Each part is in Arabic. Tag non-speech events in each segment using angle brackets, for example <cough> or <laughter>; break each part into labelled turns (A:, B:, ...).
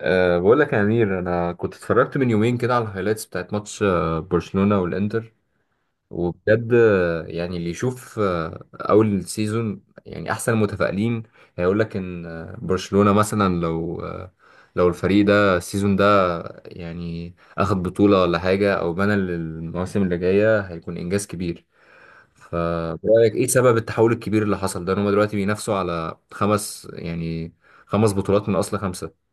A: بقول لك يا أمير، أنا كنت اتفرجت من يومين كده على الهايلايتس بتاعت ماتش برشلونة والإنتر. وبجد يعني اللي يشوف أول سيزون يعني أحسن المتفائلين هيقول لك إن برشلونة مثلا لو لو الفريق ده السيزون ده يعني أخد بطولة ولا حاجة، أو بنى للمواسم اللي جاية، هيكون إنجاز كبير. فبرأيك إيه سبب التحول الكبير اللي حصل ده، إن هما دلوقتي بينافسوا على 5 يعني 5 بطولات من أصل 5؟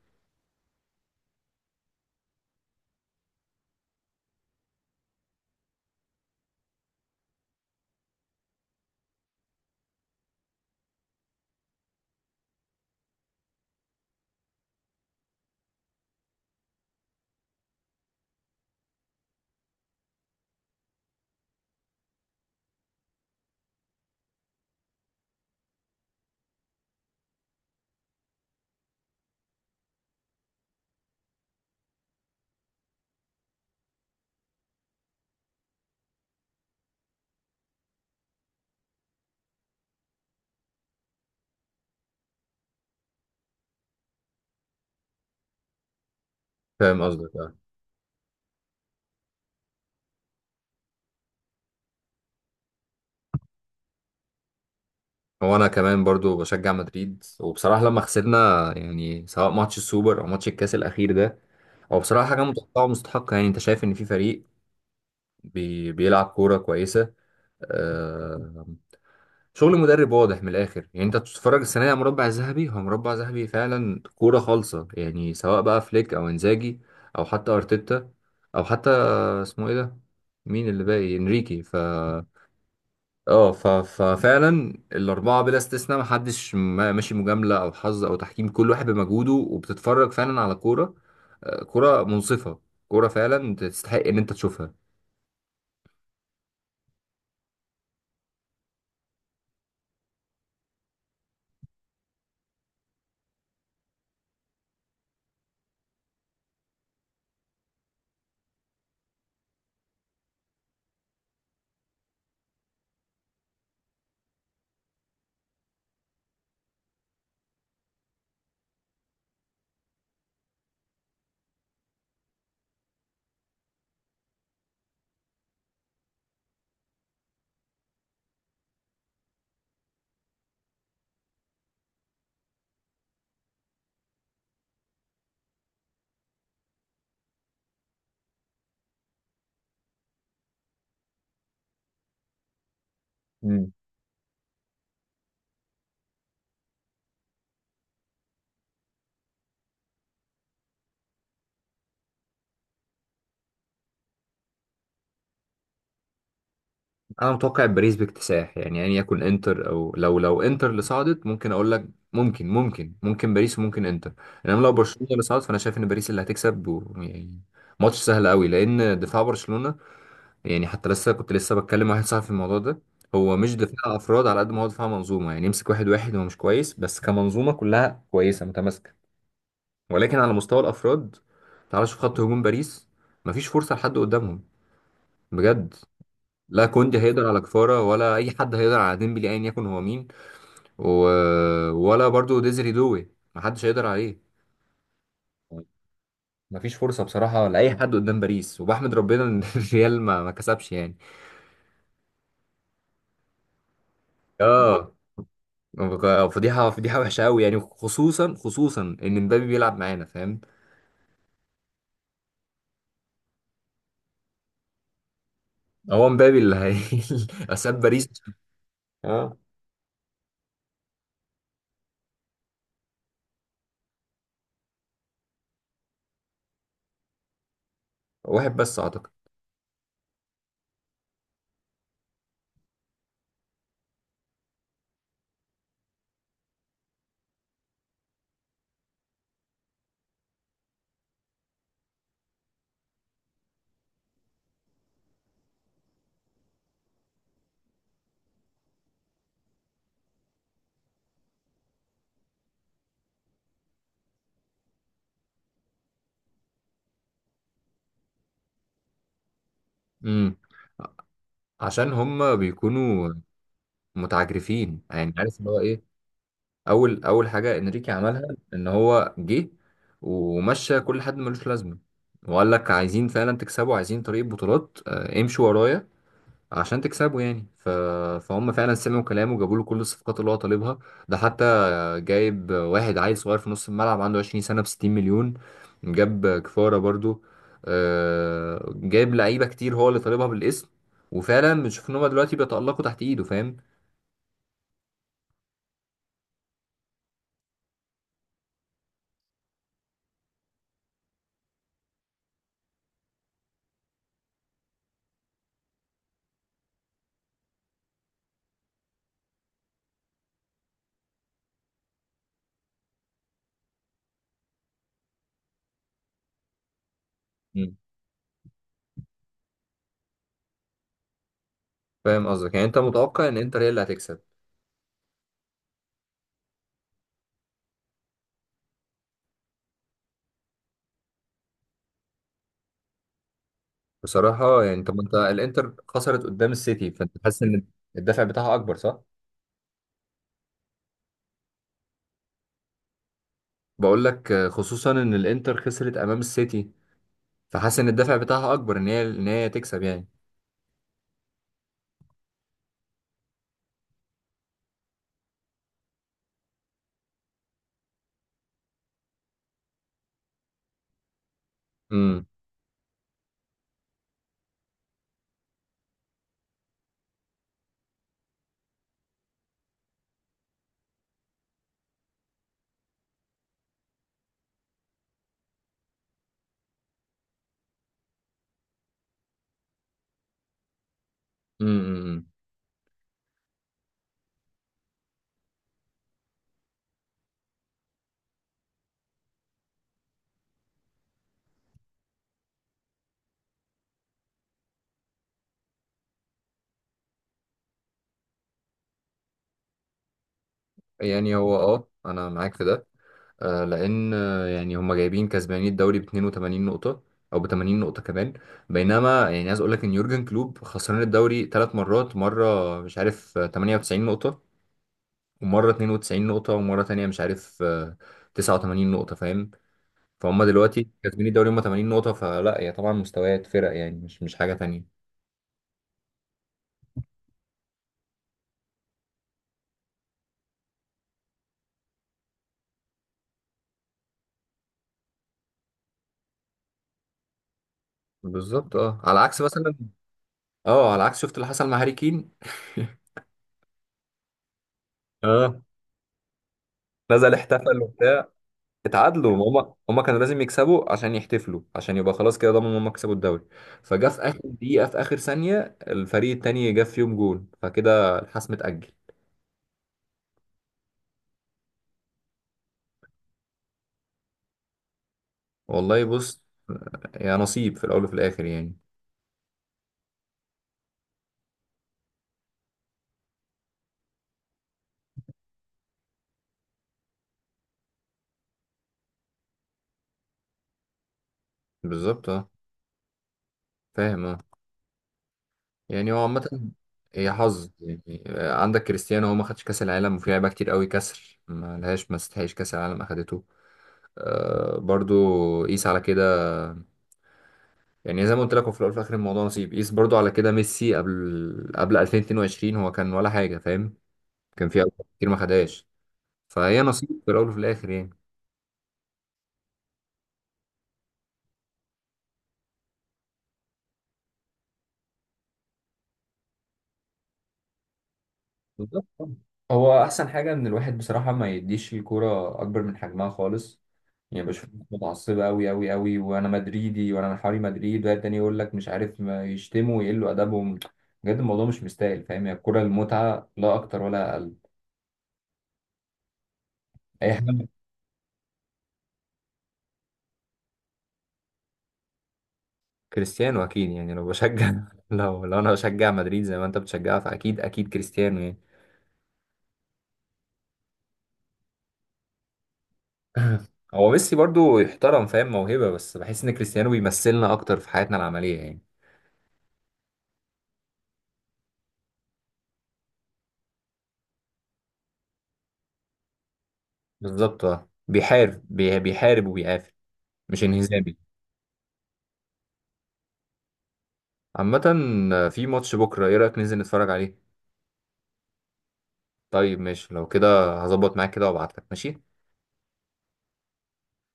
A: فاهم قصدك آه. هو انا كمان برضو بشجع مدريد، وبصراحه لما خسرنا يعني سواء ماتش السوبر او ماتش الكاس الاخير ده، هو بصراحه حاجه متوقعه ومستحقه. يعني انت شايف ان في فريق بيلعب كوره كويسه، آه، شغل مدرب واضح من الاخر. يعني انت تتفرج السنه دي على مربع ذهبي، هو مربع ذهبي فعلا، كوره خالصه، يعني سواء بقى فليك او انزاجي او حتى ارتيتا، او حتى اسمه ايه ده، مين اللي باقي؟ انريكي. ففعلا الاربعه بلا استثناء محدش ماشي مجامله او حظ او تحكيم، كل واحد بمجهوده، وبتتفرج فعلا على كوره، كوره منصفه، كوره فعلا تستحق ان انت تشوفها. مم. انا متوقع باريس باكتساح، يعني يكون انتر، او لو انتر اللي صعدت ممكن اقول لك ممكن ممكن باريس وممكن انتر. انما لو برشلونه اللي صعدت، فانا شايف ان باريس اللي هتكسب يعني ماتش سهل قوي، لان دفاع برشلونه، يعني حتى كنت لسه بتكلم واحد صاحبي في الموضوع ده، هو مش دفاع افراد على قد ما هو دفاع منظومه، يعني يمسك واحد واحد هو مش كويس، بس كمنظومه كلها كويسه متماسكه. ولكن على مستوى الافراد، تعال شوف خط هجوم باريس، مفيش فرصه لحد قدامهم، بجد. لا كوندي هيقدر على كفاره، ولا اي حد هيقدر على ديمبلي ايا يكن هو مين. و... ولا برضو ديزري دوي محدش هيقدر عليه. مفيش فرصه بصراحه لاي حد قدام باريس، وبحمد ربنا ان <laughs> الريال ما كسبش يعني. اه فضيحة، فضيحة وحشة أوي، يعني خصوصا إن مبابي بيلعب معانا، فاهم. هو مبابي اللي هي <laughs> أساب باريس. اه، واحد بس أعتقد. امم، عشان هم بيكونوا متعجرفين، يعني عارف اللي هو إيه. أول حاجة إنريكي عملها، إن هو جه ومشى كل حد ملوش لازمة، وقال لك عايزين فعلا تكسبوا، عايزين طريق بطولات، امشوا ورايا عشان تكسبوا يعني فهم فعلا سمعوا كلامه وجابوا له كل الصفقات اللي هو طالبها. ده حتى جايب واحد عيل صغير في نص الملعب عنده 20 سنة ب 60 مليون. جاب كفارة برضو، جايب لعيبة كتير هو اللي طالبها بالاسم، وفعلا بنشوف ان هما دلوقتي بيتألقوا تحت ايده، فاهم. مم. فاهم قصدك، يعني انت متوقع ان انتر هي اللي هتكسب؟ بصراحة يعني طب انت الانتر خسرت قدام السيتي، فانت حاسس ان الدفع بتاعها اكبر صح؟ بقول لك خصوصا ان الانتر خسرت امام السيتي، فحاسس ان الدفع بتاعها اكبر، ان هي تكسب يعني. امم امم. يعني هو اه انا معاك في ده، لان يعني هم جايبين كسبانين الدوري ب 82 نقطه او ب 80 نقطه كمان، بينما يعني عايز اقول لك ان يورجن كلوب خسران الدوري 3 مرات، مره مش عارف 98 نقطه، ومره 92 نقطه، ومره تانية مش عارف 89 نقطه، فاهم. فهم دلوقتي كسبانين الدوري هم 80 نقطه، فلا هي طبعا مستويات فرق، يعني مش حاجه تانية. بالظبط اه، على عكس مثلا، اه على عكس، شفت اللي حصل مع هاري كين <laughs> اه، نزل احتفل، اتعادلوا. هما كانوا لازم يكسبوا عشان يحتفلوا، عشان يبقى خلاص كده ضمنوا ان هما كسبوا الدوري. فجا في اخر دقيقة في اخر ثانية الفريق التاني جاب فيهم جون، فكده الحسم اتأجل. والله بص، يا نصيب في الاول وفي الاخر يعني. بالظبط اه، فاهم اه. يعني هو عامة هي حظ، يعني عندك كريستيانو هو ما خدش كاس العالم، وفي لعيبه كتير قوي كسر ما لهاش ما استحقش كاس العالم اخدته، آه برضو. قيس على كده، يعني زي ما قلت لك هو في الاول وفي الاخر الموضوع نصيب. قيس برضو على كده ميسي، قبل 2022 هو كان ولا حاجه، فاهم، كان في أوقات كتير ما خدهاش. فهي نصيب في الاول وفي الاخر يعني. بالظبط. هو احسن حاجه ان الواحد بصراحه ما يديش الكوره اكبر من حجمها خالص. يعني بشوف ناس متعصبه قوي، وانا مدريدي وانا من حواري مدريد، وقاعد تاني يقول لك مش عارف، ما يشتموا ويقلوا ادبهم. بجد الموضوع مش مستاهل، فاهم. هي الكوره المتعه لا اكتر ولا اقل، اي حاجه. كريستيانو اكيد يعني، لو بشجع <laughs> لو انا بشجع مدريد زي ما انت بتشجعها، فاكيد كريستيانو يعني. <laughs> هو ميسي برضو يحترم، فاهم، موهبة، بس بحس ان كريستيانو بيمثلنا اكتر في حياتنا العملية يعني. بالظبط اه، بيحارب، بيحارب وبيقاتل، مش انهزامي. عامة في ماتش بكرة، ايه رأيك ننزل نتفرج عليه؟ طيب ماشي، لو كده هظبط معاك كده وابعتلك، ماشي.